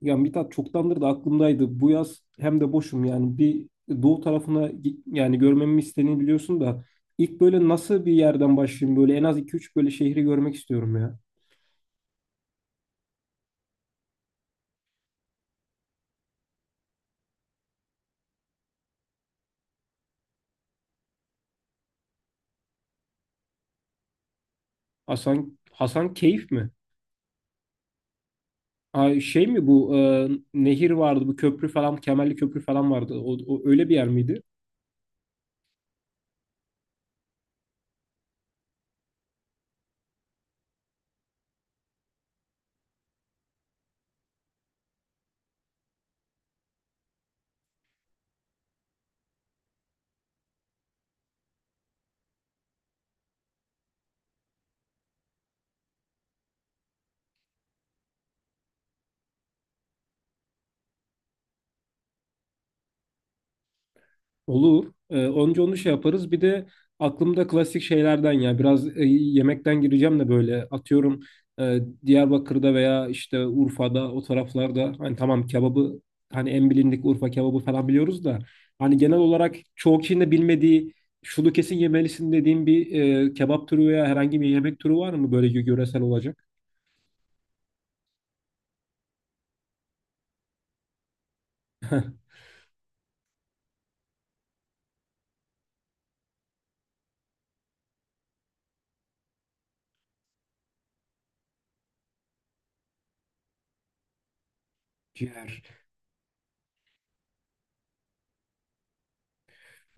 Ya Mithat, çoktandır da aklımdaydı. Bu yaz hem de boşum, yani bir doğu tarafına yani görmemi istediğini biliyorsun da ilk böyle nasıl bir yerden başlayayım, böyle en az iki üç böyle şehri görmek istiyorum ya. Hasan Keyif mi? Ay, şey mi bu? Nehir vardı, bu köprü falan, Kemerli Köprü falan vardı. O öyle bir yer miydi? Olur. Önce onu şey yaparız. Bir de aklımda klasik şeylerden, ya biraz yemekten gireceğim de böyle atıyorum, e, Diyarbakır'da veya işte Urfa'da o taraflarda, hani tamam kebabı, hani en bilindik Urfa kebabı falan biliyoruz da hani genel olarak çoğu kişinin de bilmediği, şunu kesin yemelisin dediğim bir kebap türü veya herhangi bir yemek türü var mı, böyle yöresel olacak? Ciğer.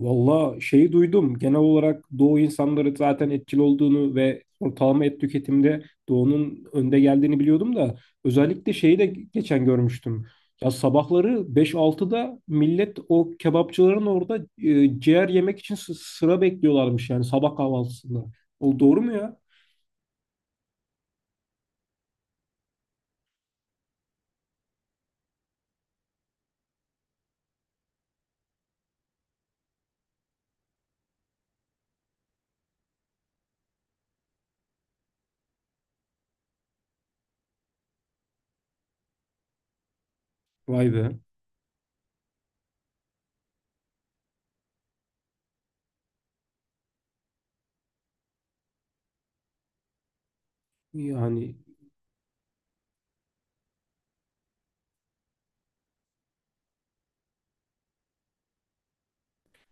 Valla şeyi duydum. Genel olarak Doğu insanları zaten etkili olduğunu ve ortalama et tüketimde Doğu'nun önde geldiğini biliyordum da özellikle şeyi de geçen görmüştüm. Ya sabahları beş altıda millet o kebapçıların orada ciğer yemek için sıra bekliyorlarmış, yani sabah kahvaltısında. O doğru mu ya? Vay be. Yani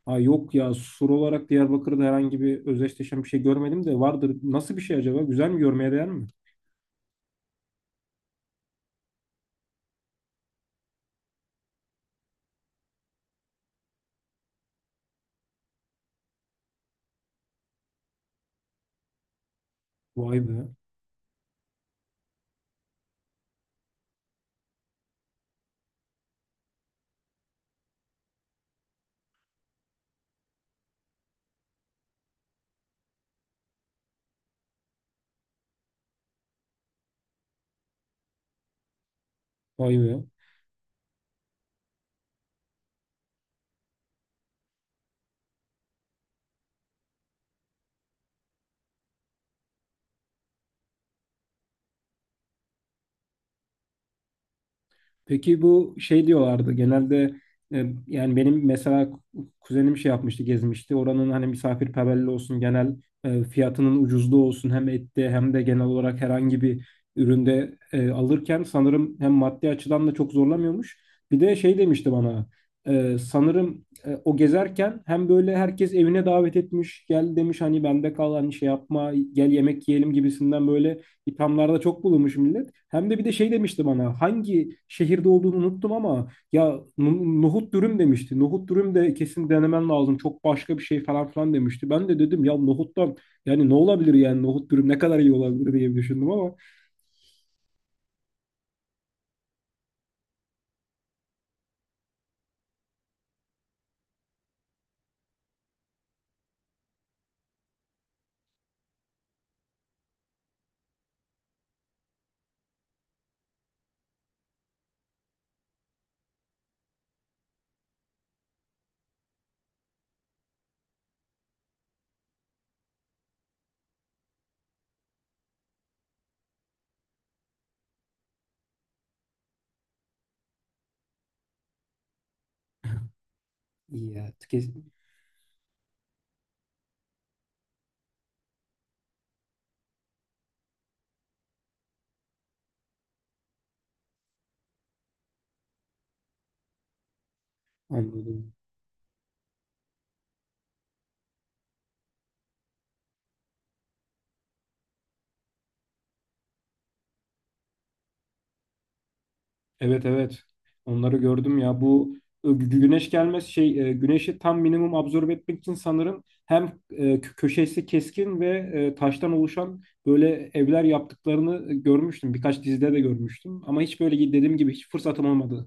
ay, yok ya, sur olarak Diyarbakır'da herhangi bir özdeşleşen bir şey görmedim de vardır. Nasıl bir şey acaba? Güzel mi? Görmeye değer mi? Vay be. Vay be. Peki, bu şey diyorlardı genelde, yani benim mesela kuzenim şey yapmıştı, gezmişti, oranın hani misafirperverliği olsun, genel fiyatının ucuzluğu olsun, hem ette hem de genel olarak herhangi bir üründe alırken, sanırım hem maddi açıdan da çok zorlamıyormuş. Bir de şey demişti bana, sanırım o gezerken hem böyle herkes evine davet etmiş, gel demiş, hani bende kal, hani şey yapma gel yemek yiyelim gibisinden, böyle İthamlarda çok bulunmuş millet. Hem de bir de şey demişti bana. Hangi şehirde olduğunu unuttum ama ya, nohut dürüm demişti. Nohut dürüm de kesin denemen lazım. Çok başka bir şey falan filan demişti. Ben de dedim, ya nohuttan yani ne olabilir yani, nohut dürüm ne kadar iyi olabilir diye bir düşündüm ama iyi ya. Anladım. Evet, evet. Onları gördüm ya. Bu güneş gelmez şey, güneşi tam minimum absorbe etmek için sanırım hem köşesi keskin ve taştan oluşan böyle evler yaptıklarını görmüştüm. Birkaç dizide de görmüştüm. Ama hiç böyle dediğim gibi hiç fırsatım olmadı.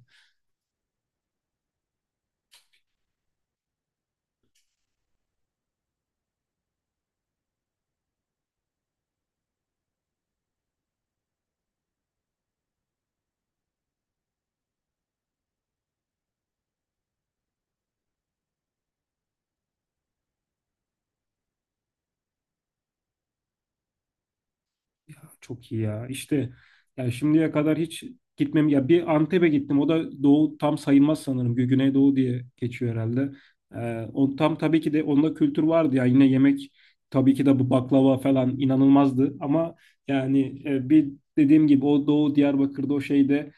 Çok iyi ya. İşte, ya şimdiye kadar hiç gitmem, ya bir Antep'e gittim. O da doğu tam sayılmaz sanırım. Güneydoğu diye geçiyor herhalde. O tam tabii ki de onda kültür vardı ya. Yine yemek tabii ki de bu baklava falan inanılmazdı ama yani, bir dediğim gibi o Doğu Diyarbakır'da o şeyde,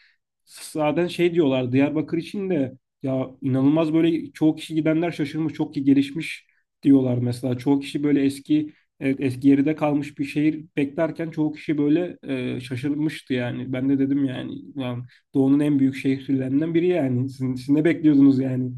zaten şey diyorlar Diyarbakır için de, ya inanılmaz, böyle çoğu kişi gidenler şaşırmış çok ki gelişmiş diyorlar mesela. Çoğu kişi böyle eski, evet, geride kalmış bir şehir beklerken çoğu kişi böyle şaşırmıştı yani. Ben de dedim yani, "Lan, Doğu'nun en büyük şehirlerinden biri yani. Siz ne bekliyordunuz yani?"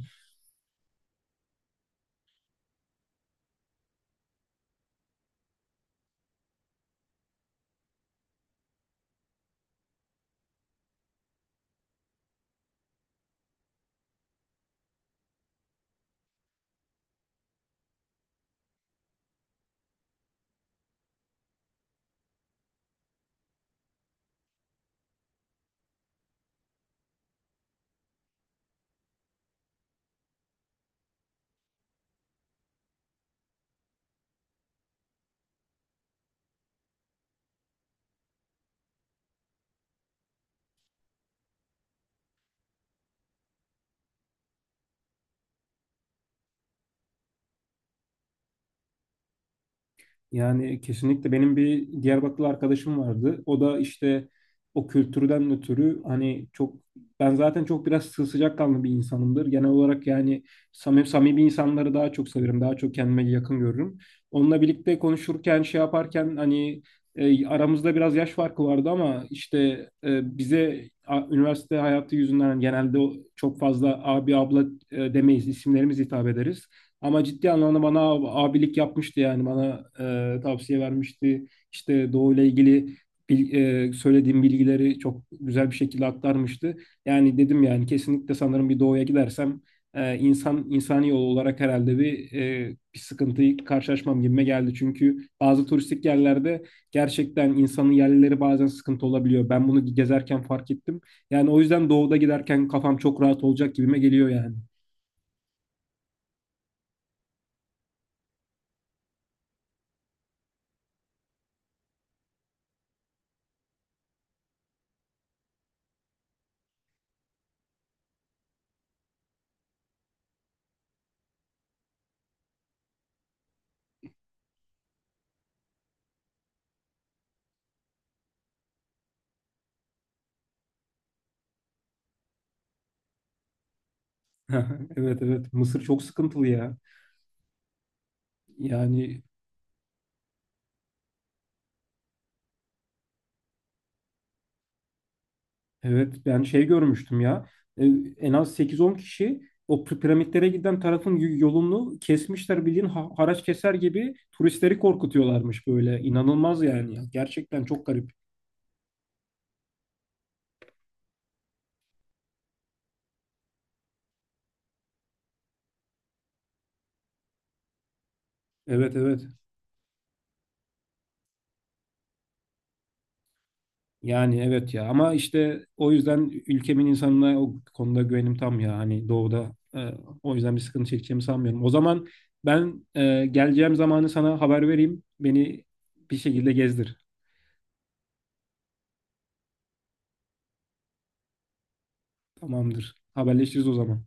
Yani kesinlikle, benim bir Diyarbakırlı arkadaşım vardı. O da işte o kültürden ötürü hani çok, ben zaten çok biraz sıcakkanlı bir insanımdır. Genel olarak yani samimi, samimi insanları daha çok severim. Daha çok kendime yakın görürüm. Onunla birlikte konuşurken şey yaparken hani aramızda biraz yaş farkı vardı ama işte bize üniversite hayatı yüzünden genelde çok fazla abi abla demeyiz. İsimlerimiz hitap ederiz. Ama ciddi anlamda bana abilik yapmıştı yani bana tavsiye vermişti. İşte Doğu ile ilgili bil- söylediğim bilgileri çok güzel bir şekilde aktarmıştı. Yani dedim yani, kesinlikle sanırım bir Doğu'ya gidersem insani yol olarak herhalde bir sıkıntıyı karşılaşmam gibime geldi. Çünkü bazı turistik yerlerde gerçekten insanın yerlileri bazen sıkıntı olabiliyor. Ben bunu gezerken fark ettim. Yani o yüzden doğuda giderken kafam çok rahat olacak gibime geliyor yani. Evet, evet, Mısır çok sıkıntılı ya. Yani evet, ben şey görmüştüm ya. E, En az sekiz on kişi o piramitlere giden tarafın yolunu kesmişler, bildiğin haraç keser gibi turistleri korkutuyorlarmış böyle. İnanılmaz yani ya. Gerçekten çok garip. Evet, evet. Yani evet ya, ama işte o yüzden ülkemin insanına o konuda güvenim tam ya, hani doğuda o yüzden bir sıkıntı çekeceğimi sanmıyorum. O zaman ben geleceğim zamanı sana haber vereyim. Beni bir şekilde gezdir. Tamamdır. Haberleşiriz o zaman.